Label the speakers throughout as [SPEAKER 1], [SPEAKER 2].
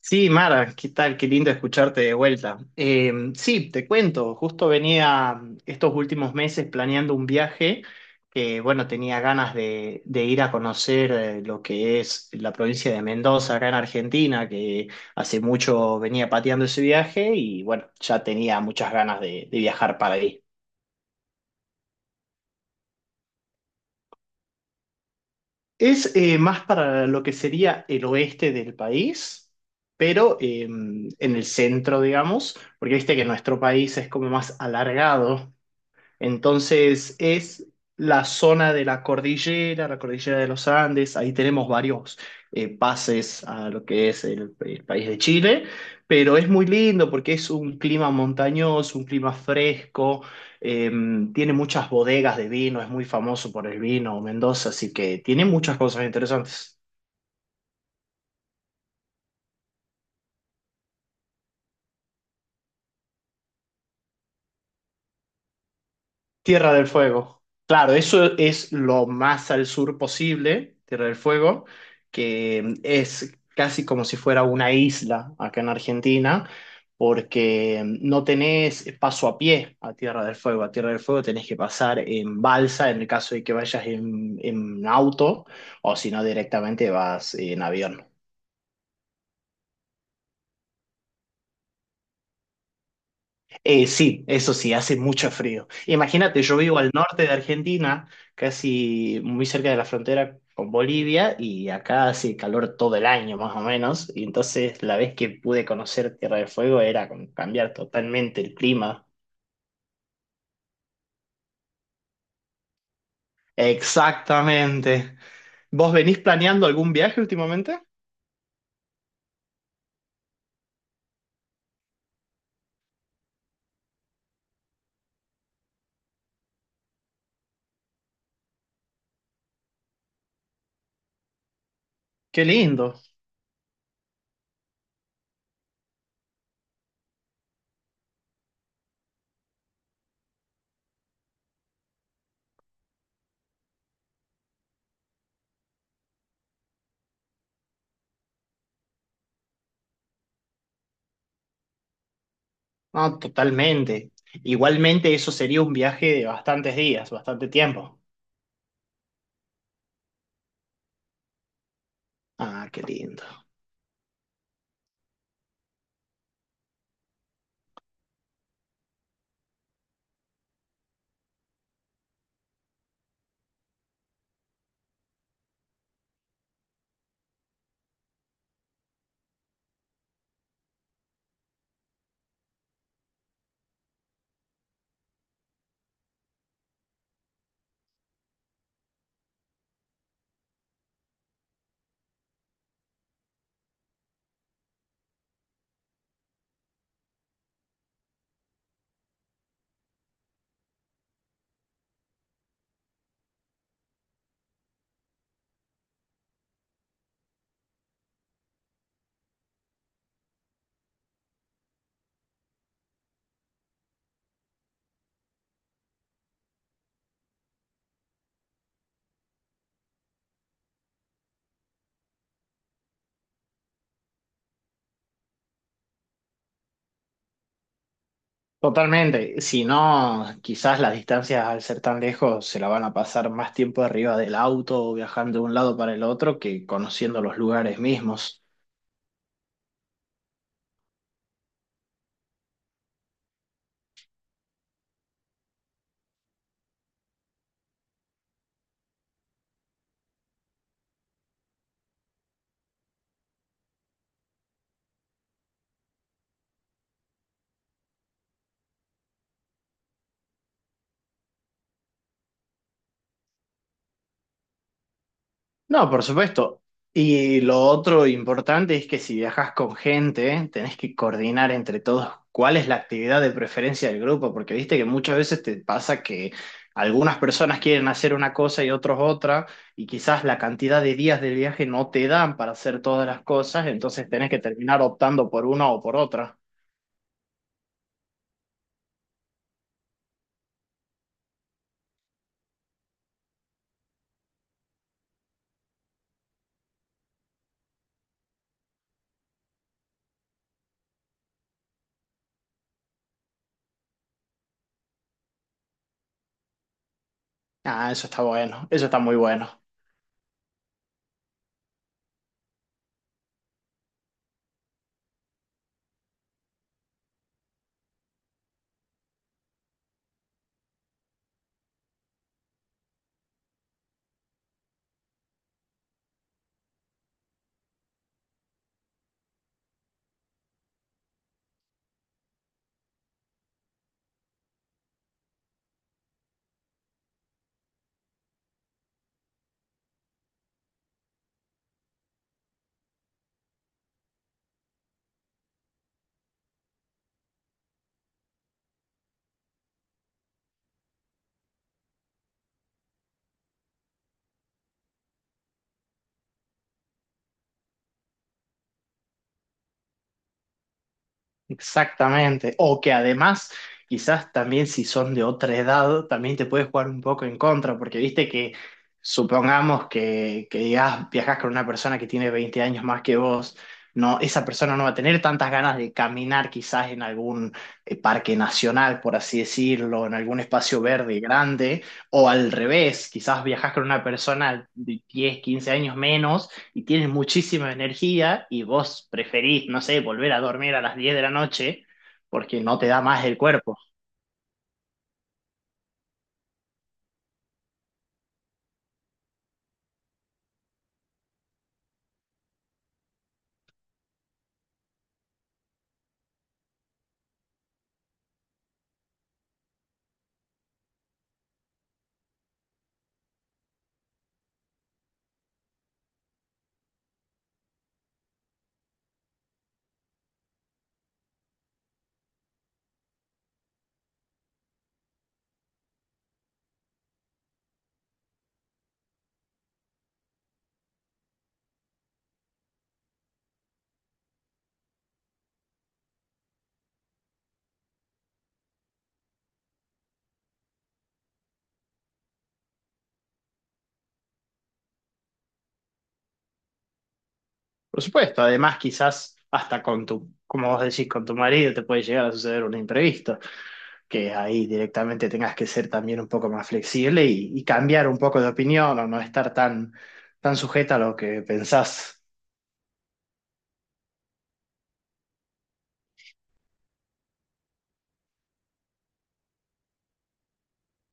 [SPEAKER 1] Sí, Mara, ¿qué tal? Qué lindo escucharte de vuelta. Sí, te cuento, justo venía estos últimos meses planeando un viaje que, bueno, tenía ganas de ir a conocer lo que es la provincia de Mendoza, acá en Argentina, que hace mucho venía pateando ese viaje y, bueno, ya tenía muchas ganas de viajar para ahí. Es más para lo que sería el oeste del país, pero en el centro, digamos, porque viste que nuestro país es como más alargado, entonces es la zona de la cordillera de los Andes. Ahí tenemos varios pases a lo que es el país de Chile, pero es muy lindo porque es un clima montañoso, un clima fresco, eh, tiene muchas bodegas de vino, es muy famoso por el vino Mendoza, así que tiene muchas cosas interesantes. Tierra del Fuego. Claro, eso es lo más al sur posible, Tierra del Fuego, que es casi como si fuera una isla acá en Argentina, porque no tenés paso a pie a Tierra del Fuego. A Tierra del Fuego tenés que pasar en balsa en el caso de que vayas en auto, o si no directamente vas en avión. Sí, eso sí, hace mucho frío. Imagínate, yo vivo al norte de Argentina, casi muy cerca de la frontera con Bolivia, y acá hace calor todo el año más o menos, y entonces la vez que pude conocer Tierra del Fuego era como cambiar totalmente el clima. Exactamente. ¿Vos venís planeando algún viaje últimamente? Qué lindo. No, totalmente. Igualmente eso sería un viaje de bastantes días, bastante tiempo. Ah, qué lindo. Totalmente. Si no, quizás las distancias al ser tan lejos se la van a pasar más tiempo arriba del auto o viajando de un lado para el otro que conociendo los lugares mismos. No, por supuesto. Y lo otro importante es que si viajas con gente, tenés que coordinar entre todos cuál es la actividad de preferencia del grupo, porque viste que muchas veces te pasa que algunas personas quieren hacer una cosa y otros otra, y quizás la cantidad de días del viaje no te dan para hacer todas las cosas, entonces tenés que terminar optando por una o por otra. Ah, eso está bueno, eso está muy bueno. Exactamente. O que además, quizás también si son de otra edad, también te puedes jugar un poco en contra, porque viste que supongamos que digas, viajas con una persona que tiene 20 años más que vos. No, esa persona no va a tener tantas ganas de caminar quizás en algún parque nacional, por así decirlo, en algún espacio verde grande, o al revés, quizás viajas con una persona de 10, 15 años menos y tienes muchísima energía y vos preferís, no sé, volver a dormir a las 10 de la noche porque no te da más el cuerpo. Por supuesto, además quizás hasta con tu, como vos decís, con tu marido te puede llegar a suceder un imprevisto, que ahí directamente tengas que ser también un poco más flexible y cambiar un poco de opinión o no estar tan, tan sujeta a lo que pensás.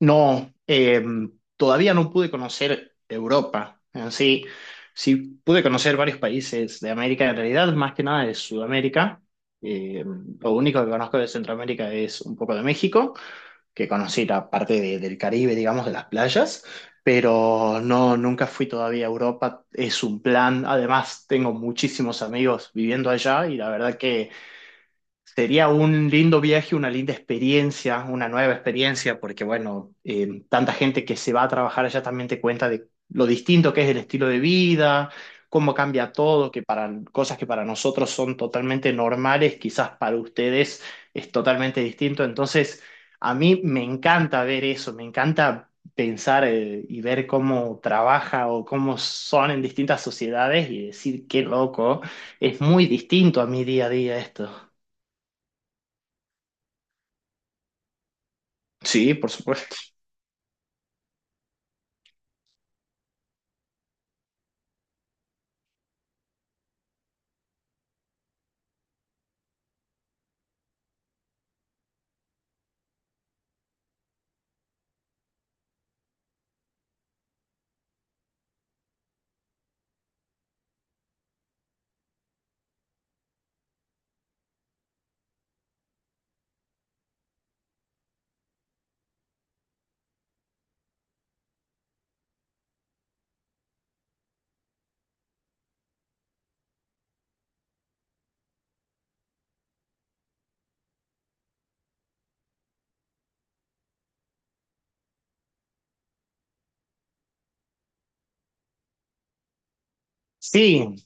[SPEAKER 1] No, todavía no pude conocer Europa en sí. Sí pude conocer varios países de América, en realidad, más que nada de Sudamérica. Eh, lo único que conozco de Centroamérica es un poco de México, que conocí la parte del Caribe, digamos, de las playas, pero no, nunca fui todavía a Europa. Es un plan. Además, tengo muchísimos amigos viviendo allá y la verdad que sería un lindo viaje, una linda experiencia, una nueva experiencia, porque bueno, tanta gente que se va a trabajar allá también te cuenta de lo distinto que es el estilo de vida, cómo cambia todo, que para cosas que para nosotros son totalmente normales, quizás para ustedes es totalmente distinto. Entonces, a mí me encanta ver eso, me encanta pensar, y ver cómo trabaja o cómo son en distintas sociedades y decir, qué loco, es muy distinto a mi día a día esto. Sí, por supuesto. Sí,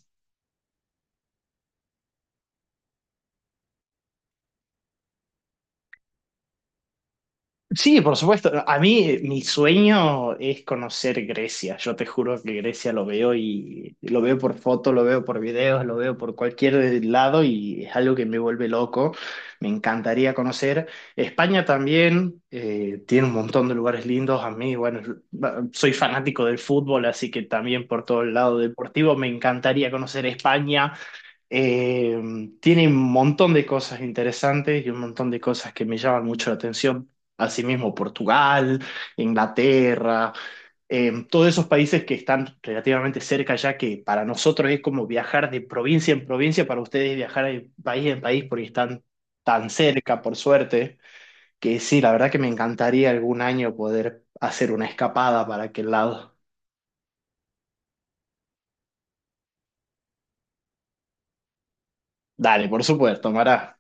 [SPEAKER 1] sí, por supuesto. A mí, mi sueño es conocer Grecia. Yo te juro que Grecia lo veo y lo veo por fotos, lo veo por videos, lo veo por cualquier lado y es algo que me vuelve loco. Me encantaría conocer. España también tiene un montón de lugares lindos. A mí, bueno, soy fanático del fútbol, así que también por todo el lado deportivo me encantaría conocer España. Eh, Tiene un montón de cosas interesantes y un montón de cosas que me llaman mucho la atención. Asimismo, Portugal, Inglaterra, todos esos países que están relativamente cerca ya, que para nosotros es como viajar de provincia en provincia, para ustedes es viajar de país en país porque están tan cerca, por suerte, que sí, la verdad que me encantaría algún año poder hacer una escapada para aquel lado. Dale, por supuesto, Mara.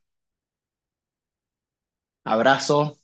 [SPEAKER 1] Abrazo.